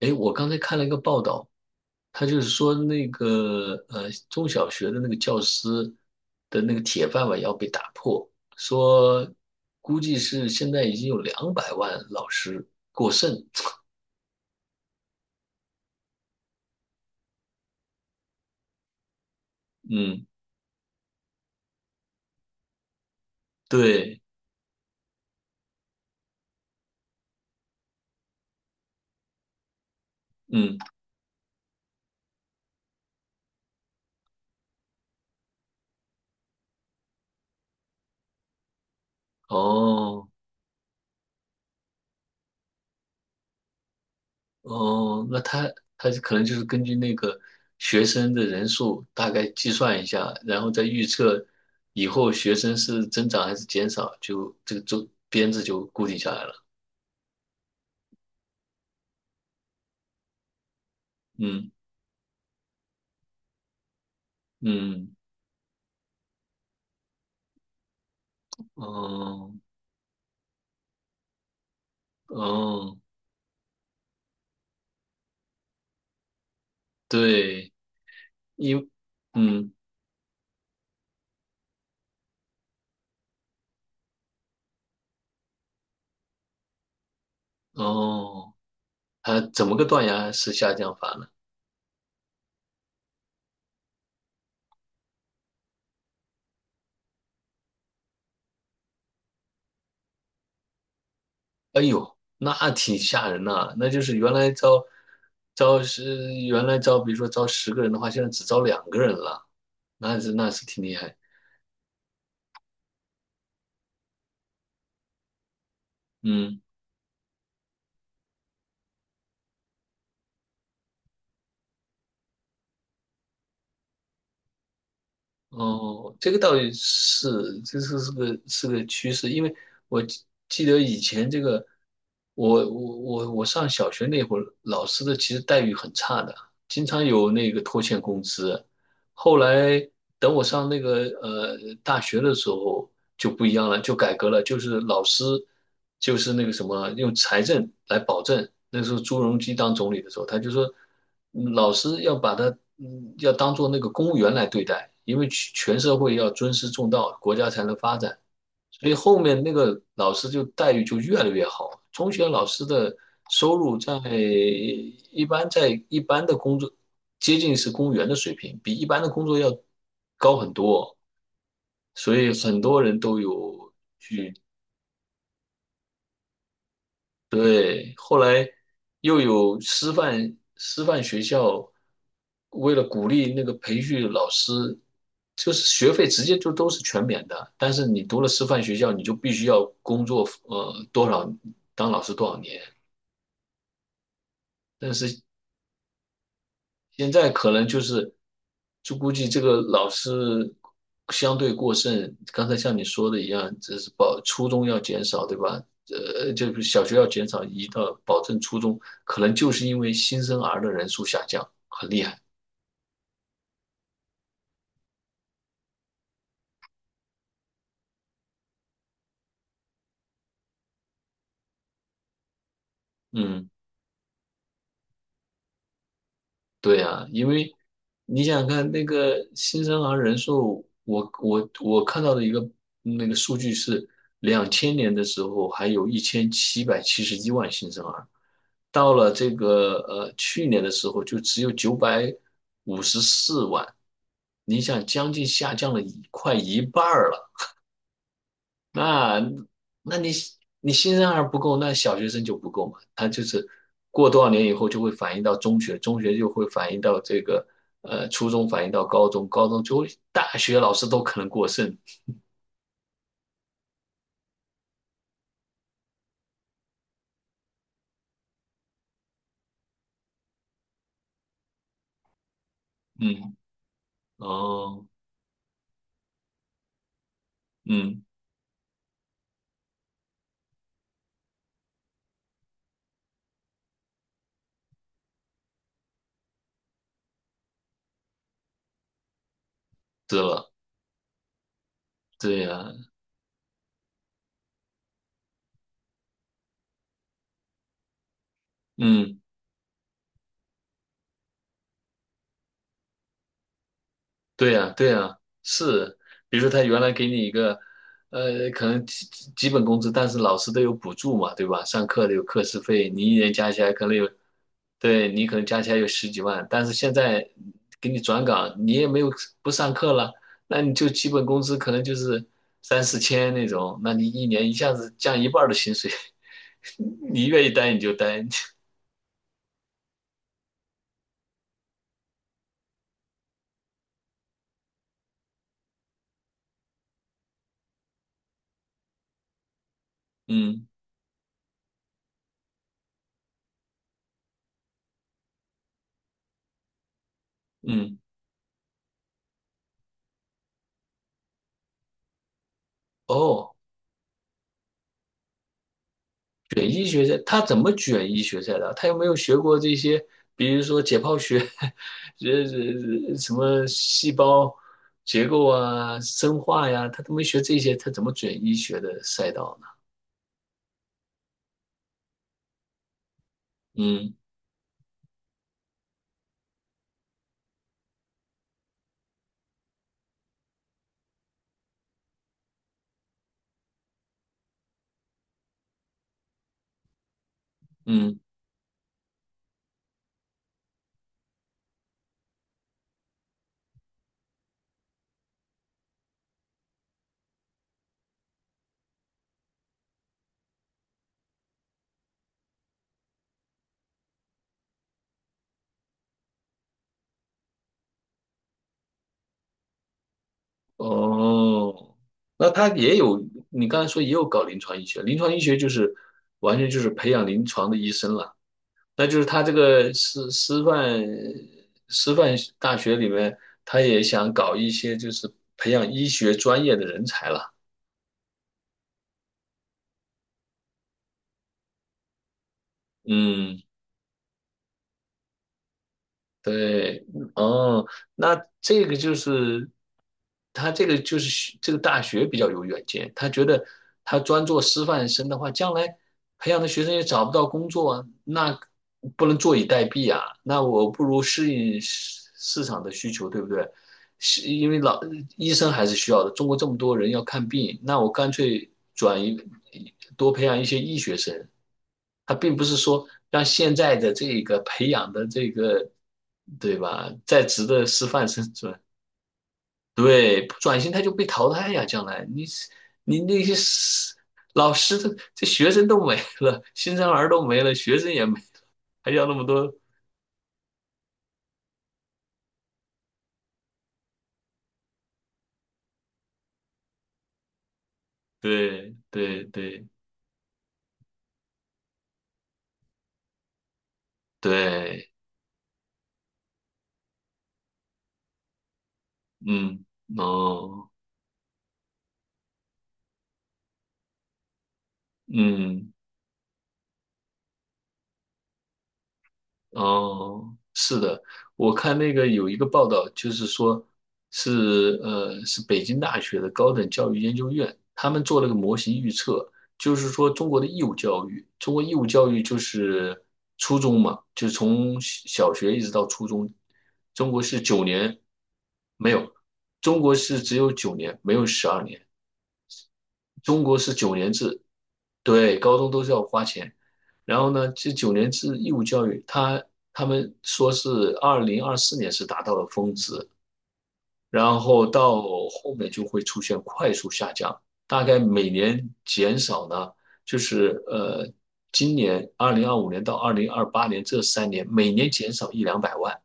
哎，我刚才看了一个报道，他就是说那个中小学的那个教师的那个铁饭碗要被打破，说估计是现在已经有两百万老师过剩。嗯，对，嗯，哦哦，那他可能就是根据那个学生的人数大概计算一下，然后再预测以后学生是增长还是减少，就这个周编制就固定下来了。嗯嗯。哦哦，对，因嗯哦，它怎么个断崖式下降法呢？那挺吓人呐、那就是原来招是原来招，比如说招十个人的话，现在只招两个人了，那是挺厉害。嗯。哦，这个倒也是，这是是个趋势，因为我记得以前这个，我上小学那会儿，老师的其实待遇很差的，经常有那个拖欠工资，后来等我上那个大学的时候就不一样了，就改革了，就是老师就是那个什么用财政来保证。那时候朱镕基当总理的时候，他就说，老师要把他要当做那个公务员来对待，因为全社会要尊师重道，国家才能发展。所以后面那个老师就待遇就越来越好。中学老师的收入在一般的工作接近是公务员的水平，比一般的工作要高很多。所以很多人都有去对，后来又有师范学校，为了鼓励那个培训老师，就是学费直接就都是全免的。但是你读了师范学校，你就必须要工作，多少当老师多少年。但是现在可能就是，就估计这个老师相对过剩，刚才像你说的一样，这是保初中要减少，对吧？就是小学要减少，移到保证初中，可能就是因为新生儿的人数下降，很厉害。嗯。对啊，因为你想想看，那个新生儿人数，我看到的一个那个数据是，2000年的时候还有1771万新生儿，到了这个去年的时候就只有954万，你想将近下降了一快一半儿了。那那你新生儿不够，那小学生就不够嘛？他就是过多少年以后就会反映到中学，中学就会反映到这个初中，反映到高中，高中就会大学老师都可能过剩。嗯，哦，嗯，是了，对呀，嗯。对呀，对呀，是，比如说他原来给你一个，可能基本工资，但是老师都有补助嘛，对吧？上课的有课时费，你一年加起来可能有，对，你可能加起来有十几万，但是现在给你转岗，你也没有不上课了，那你就基本工资可能就是三四千那种，那你一年一下子降一半儿的薪水，你愿意待你就待，嗯嗯，哦，卷医学赛，他怎么卷医学赛的？他有没有学过这些，比如说解剖学，这什么细胞结构啊、生化呀，他都没学这些，他怎么卷医学的赛道呢？嗯嗯，哦，那他也有，你刚才说也有搞临床医学，临床医学就是完全就是培养临床的医生了。那就是他这个师范大学里面，他也想搞一些就是培养医学专业的人才了。嗯。对，哦，那这个就是他这个就是学这个大学比较有远见，他觉得他专做师范生的话，将来培养的学生也找不到工作啊，那不能坐以待毙啊，那我不如适应市场的需求，对不对？是因为老医生还是需要的，中国这么多人要看病，那我干脆转移多培养一些医学生，它并不是说让现在的这个培养的这个，对吧，在职的师范生转，对，不转型他就被淘汰呀，将来你那些老师的这学生都没了，新生儿都没了，学生也没，还要那么多，对对对对，嗯，哦，嗯。哦，是的，我看那个有一个报道，就是说是北京大学的高等教育研究院，他们做了个模型预测，就是说中国的义务教育，中国义务教育就是初中嘛，就是从小学一直到初中，中国是九年，没有，中国是只有九年，没有12年。中国是九年制，对，高中都是要花钱。然后呢，这九年制义务教育，他他们说是2024年是达到了峰值，然后到后面就会出现快速下降，大概每年减少呢，就是呃，今年2025年到2028年这3年，每年减少一两百万，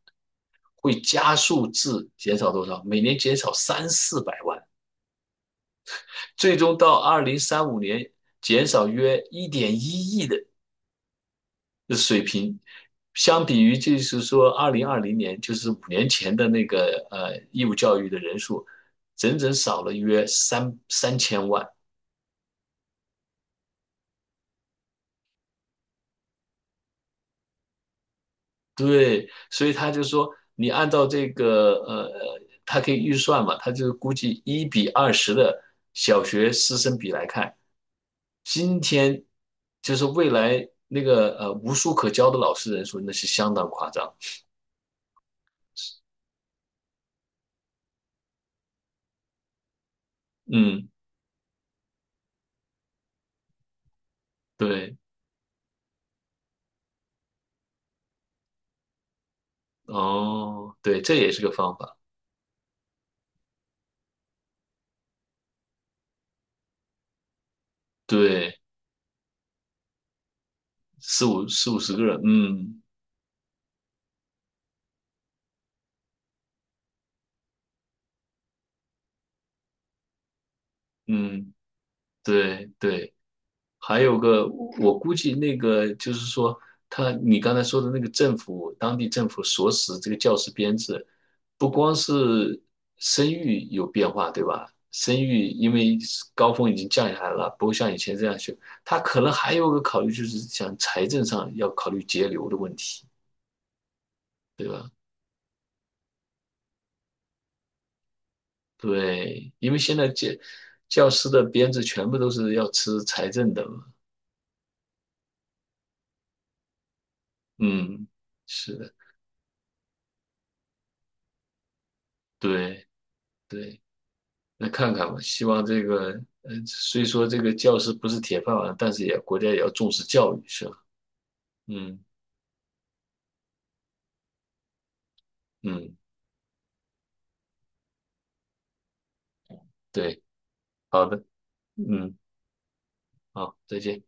会加速至减少多少？每年减少三四百万。最终到2035年减少约1.1亿的水平，相比于就是说2020年，就是五年前的那个义务教育的人数，整整少了约三千万。对，所以他就说，你按照这个他可以预算嘛，他就估计1:20的小学师生比来看，今天就是未来那个无书可教的老师人数，那是相当夸张。嗯，对，哦，对，这也是个方法。对，四五十个人，嗯嗯，对对。还有个，我估计那个就是说，他你刚才说的那个政府，当地政府所使这个教师编制，不光是生育有变化，对吧？生育因为高峰已经降下来了，不会像以前这样去。他可能还有个考虑，就是想财政上要考虑节流的问题，对吧？对，因为现在教师的编制全部都是要吃财政的嘛。嗯，是的，对对。那看看吧，希望这个虽说这个教师不是铁饭碗，但是也国家也要重视教育，是吧？嗯嗯，对，好的，嗯，好，再见。